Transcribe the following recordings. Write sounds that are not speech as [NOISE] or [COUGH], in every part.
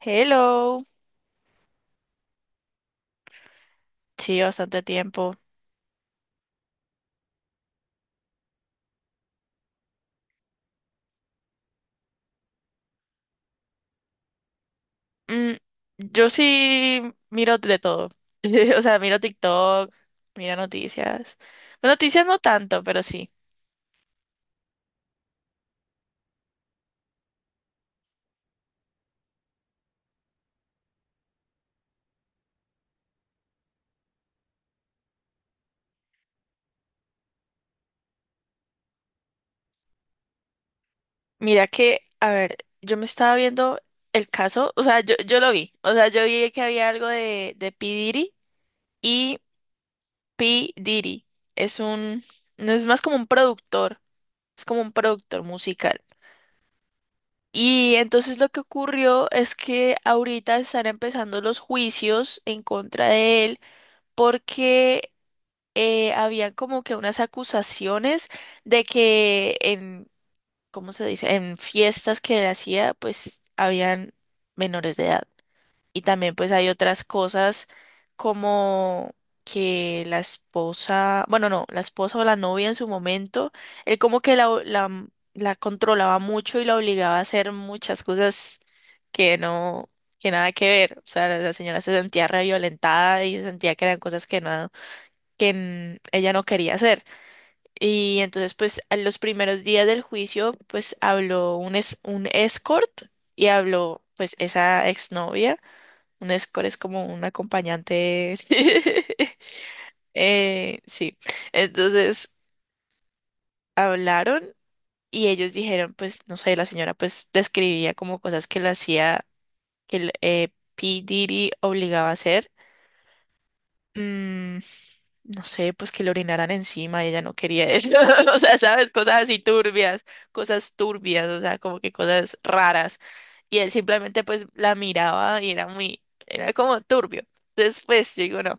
Hello. Sí, bastante tiempo. Mm, yo sí miro de todo. [LAUGHS] O sea, miro TikTok, miro noticias. Bueno, noticias no tanto, pero sí. Mira que, a ver, yo me estaba viendo el caso, o sea, yo lo vi. O sea, yo vi que había algo de P. Diddy y P. Diddy es un, no es más como un productor, es como un productor musical. Y entonces lo que ocurrió es que ahorita están empezando los juicios en contra de él porque habían como que unas acusaciones de que en, ¿cómo se dice? En fiestas que él hacía, pues habían menores de edad. Y también pues hay otras cosas como que la esposa, bueno, no, la esposa o la novia en su momento, él como que la controlaba mucho y la obligaba a hacer muchas cosas que no, que nada que ver. O sea, la señora se sentía re violentada y sentía que eran cosas que no, ella no quería hacer. Y entonces pues a los primeros días del juicio pues habló un escort y habló pues esa exnovia. Un escort es como un acompañante. [LAUGHS] Sí. Entonces hablaron y ellos dijeron, pues, no sé, la señora pues describía como cosas que le hacía, que el P. Diddy obligaba a hacer. Mm, no sé, pues que le orinaran encima, ella no quería eso. [LAUGHS] O sea, sabes, cosas así turbias, cosas turbias, o sea, como que cosas raras. Y él simplemente pues la miraba y era como turbio. Entonces, pues, yo digo, no.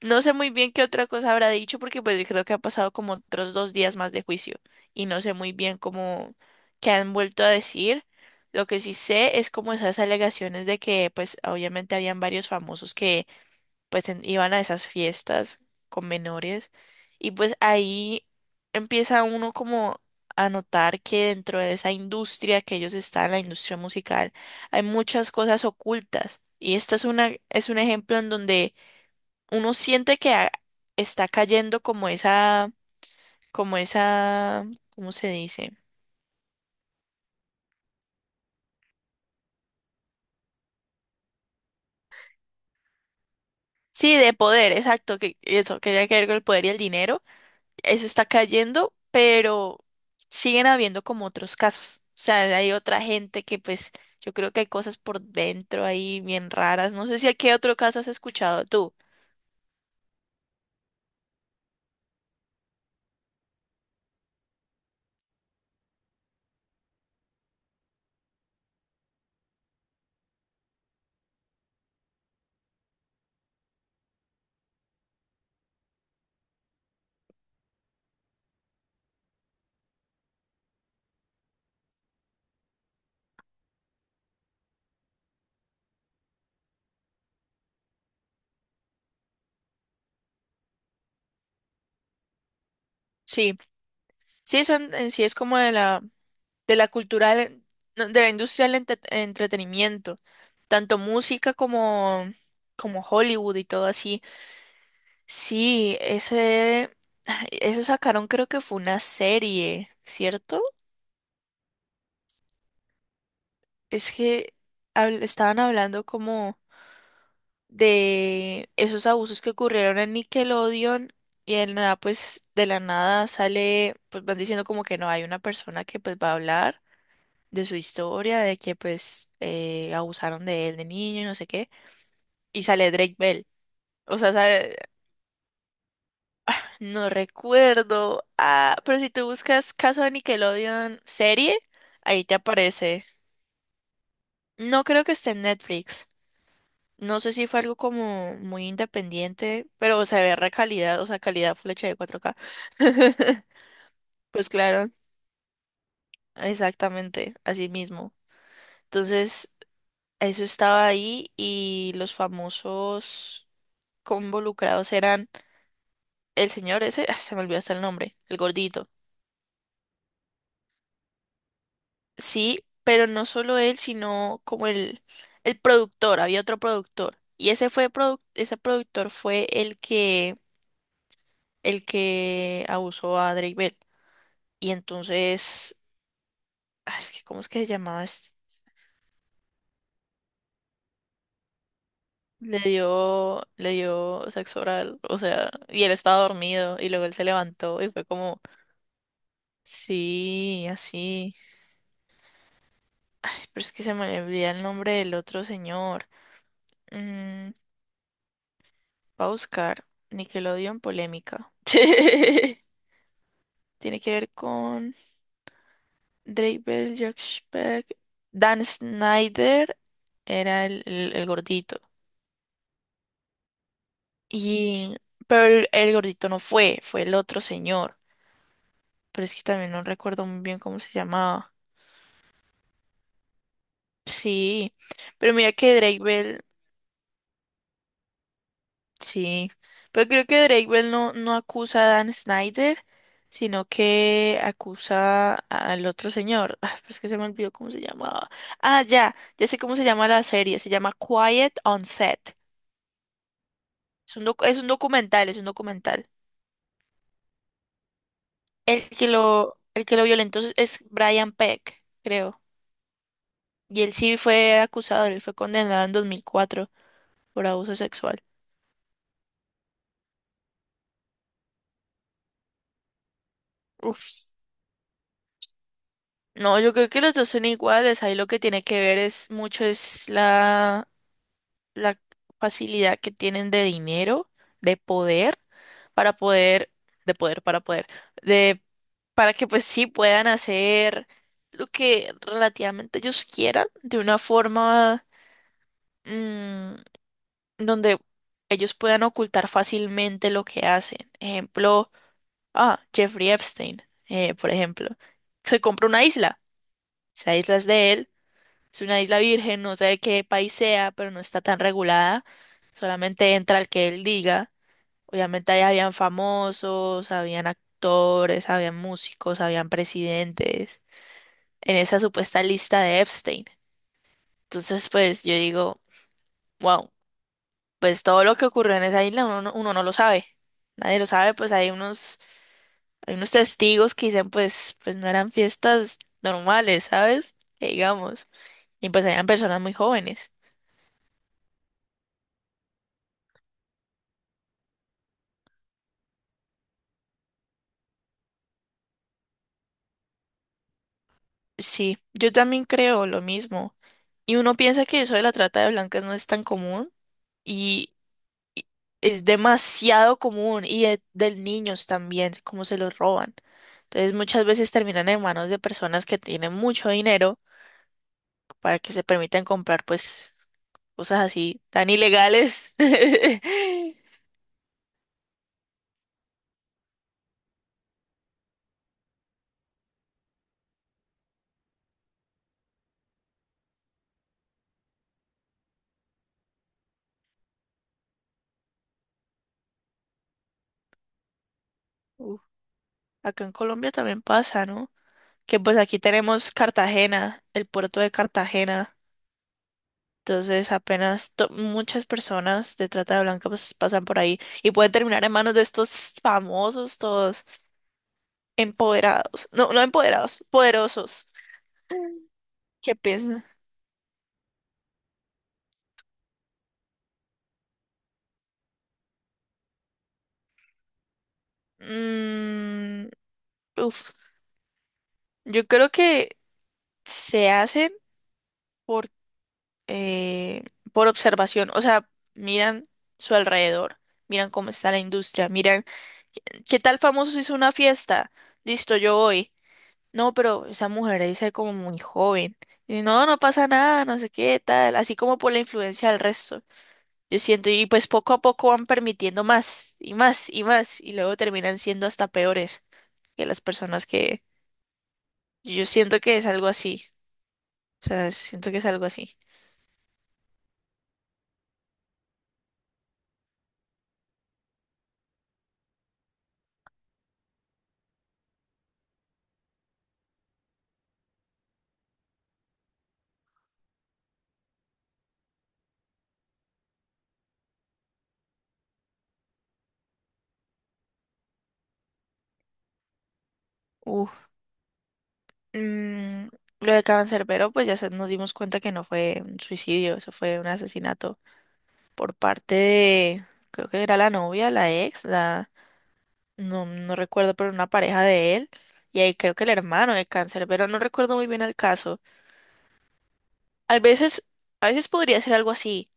No sé muy bien qué otra cosa habrá dicho porque pues creo que ha pasado como otros dos días más de juicio y no sé muy bien cómo qué han vuelto a decir. Lo que sí sé es como esas alegaciones de que pues obviamente habían varios famosos que pues iban a esas fiestas con menores y pues ahí empieza uno como a notar que dentro de esa industria que ellos están, la industria musical, hay muchas cosas ocultas y esta es una es un ejemplo en donde uno siente que está cayendo como esa, ¿cómo se dice? Sí, de poder, exacto, que eso, que tiene que ver con el poder y el dinero, eso está cayendo, pero siguen habiendo como otros casos. O sea, hay otra gente que pues yo creo que hay cosas por dentro ahí bien raras. No sé si a qué otro caso has escuchado tú. Sí, sí, eso en sí es como de la cultura no, de la industria del entretenimiento, tanto música como Hollywood y todo así. Sí, eso sacaron, creo que fue una serie, ¿cierto? Es que estaban hablando como de esos abusos que ocurrieron en Nickelodeon y en nada, pues de la nada sale, pues van diciendo como que no hay una persona que pues va a hablar. De su historia, de que pues abusaron de él de niño y no sé qué. Y sale Drake Bell. O sea, no recuerdo. Ah, pero si tú buscas caso de Nickelodeon serie, ahí te aparece. No creo que esté en Netflix. No sé si fue algo como muy independiente, pero se ve re calidad, o sea, calidad flecha de 4K. [LAUGHS] Pues claro, exactamente, así mismo. Entonces, eso estaba ahí y los famosos involucrados eran el señor ese, se me olvidó hasta el nombre, el gordito. Sí, pero no solo él, sino como el productor, había otro productor. Y ese productor fue el que abusó a Drake Bell. Y entonces, es que, ¿cómo es que se llamaba? Le dio sexo oral, o sea, y él estaba dormido, y luego él se levantó y fue como, sí, así. Ay, pero es que se me olvida el nombre del otro señor. Mm, Va a buscar Nickelodeon polémica. [LAUGHS] Tiene que ver con Drake Bell, Jack Speck. Dan Snyder era el gordito. Y, pero el gordito no fue, fue el otro señor. Pero es que también no recuerdo muy bien cómo se llamaba. Sí, pero mira que Drake Bell. Sí, pero creo que Drake Bell no acusa a Dan Snyder, sino que acusa al otro señor. [LAUGHS] Ah, pero es que se me olvidó cómo se llamaba. Ah, ya, ya sé cómo se llama la serie, se llama Quiet on Set. Es un documental, es un documental. El que lo violentó es Brian Peck, creo. Y él sí fue acusado, él fue condenado en 2004 por abuso sexual. Uf. No, yo creo que los dos son iguales. Ahí lo que tiene que ver es mucho es la facilidad que tienen de dinero, de poder, para poder, de poder, para poder, de, para que pues sí puedan hacer lo que relativamente ellos quieran, de una forma mm, donde ellos puedan ocultar fácilmente lo que hacen. Ejemplo, Jeffrey Epstein, por ejemplo, se compra una isla, esa isla es de él, es una isla virgen, no sé de qué país sea, pero no está tan regulada. Solamente entra el que él diga. Obviamente ahí habían famosos, habían actores, habían músicos, habían presidentes, en esa supuesta lista de Epstein. Entonces, pues yo digo, wow, pues todo lo que ocurrió en esa isla uno no lo sabe. Nadie lo sabe, pues hay unos testigos que dicen, pues no eran fiestas normales, ¿sabes? Que digamos. Y pues eran personas muy jóvenes. Sí, yo también creo lo mismo. Y uno piensa que eso de la trata de blancas no es tan común y es demasiado común y de niños también, cómo se los roban. Entonces muchas veces terminan en manos de personas que tienen mucho dinero para que se permitan comprar pues cosas así tan ilegales. [LAUGHS] Uf, acá en Colombia también pasa, ¿no? Que pues aquí tenemos Cartagena, el puerto de Cartagena. Entonces, apenas muchas personas de trata de blanca pues pasan por ahí y pueden terminar en manos de estos famosos, todos empoderados, no, no empoderados, poderosos. ¿Qué piensan? Mm, uf, yo creo que se hacen por, eh, por observación, o sea, miran su alrededor, miran cómo está la industria, miran, ¿qué tal famoso hizo una fiesta? Listo, yo voy. No, pero esa mujer ahí se ve como muy joven. Y no pasa nada, no sé qué, tal, así como por la influencia del resto. Yo siento, y pues poco a poco van permitiendo más y más y más, y luego terminan siendo hasta peores que las personas que yo siento que es algo así. O sea, siento que es algo así. Uf. Mm, lo de Cancerbero, pues ya nos dimos cuenta que no fue un suicidio, eso fue un asesinato por parte de, creo que era la novia, la ex, no, no recuerdo, pero una pareja de él, y ahí creo que el hermano de cáncer, pero no recuerdo muy bien el caso. A veces, a veces podría ser algo así,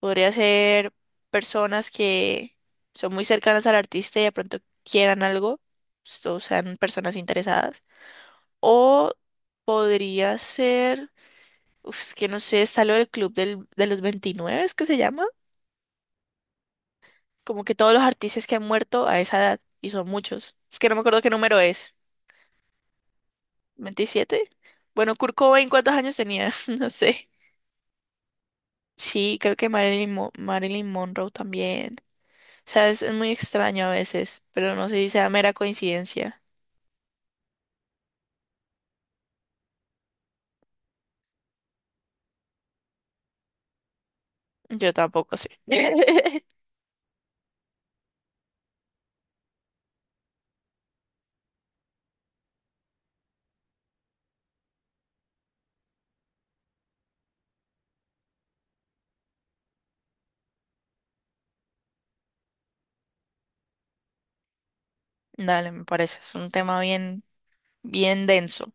podría ser personas que son muy cercanas al artista y de pronto quieran algo, o sean personas interesadas, o podría ser, uf, es que no sé, está lo del club de los 29, es que se llama, como que todos los artistas que han muerto a esa edad, y son muchos, es que no me acuerdo qué número es. 27. Bueno, Kurt Cobain, ¿cuántos años tenía? [LAUGHS] No sé. Sí, creo que Marilyn Monroe también. O sea, es muy extraño a veces, pero no sé si sea mera coincidencia. Yo tampoco sé. [LAUGHS] Dale, me parece. Es un tema bien, bien denso.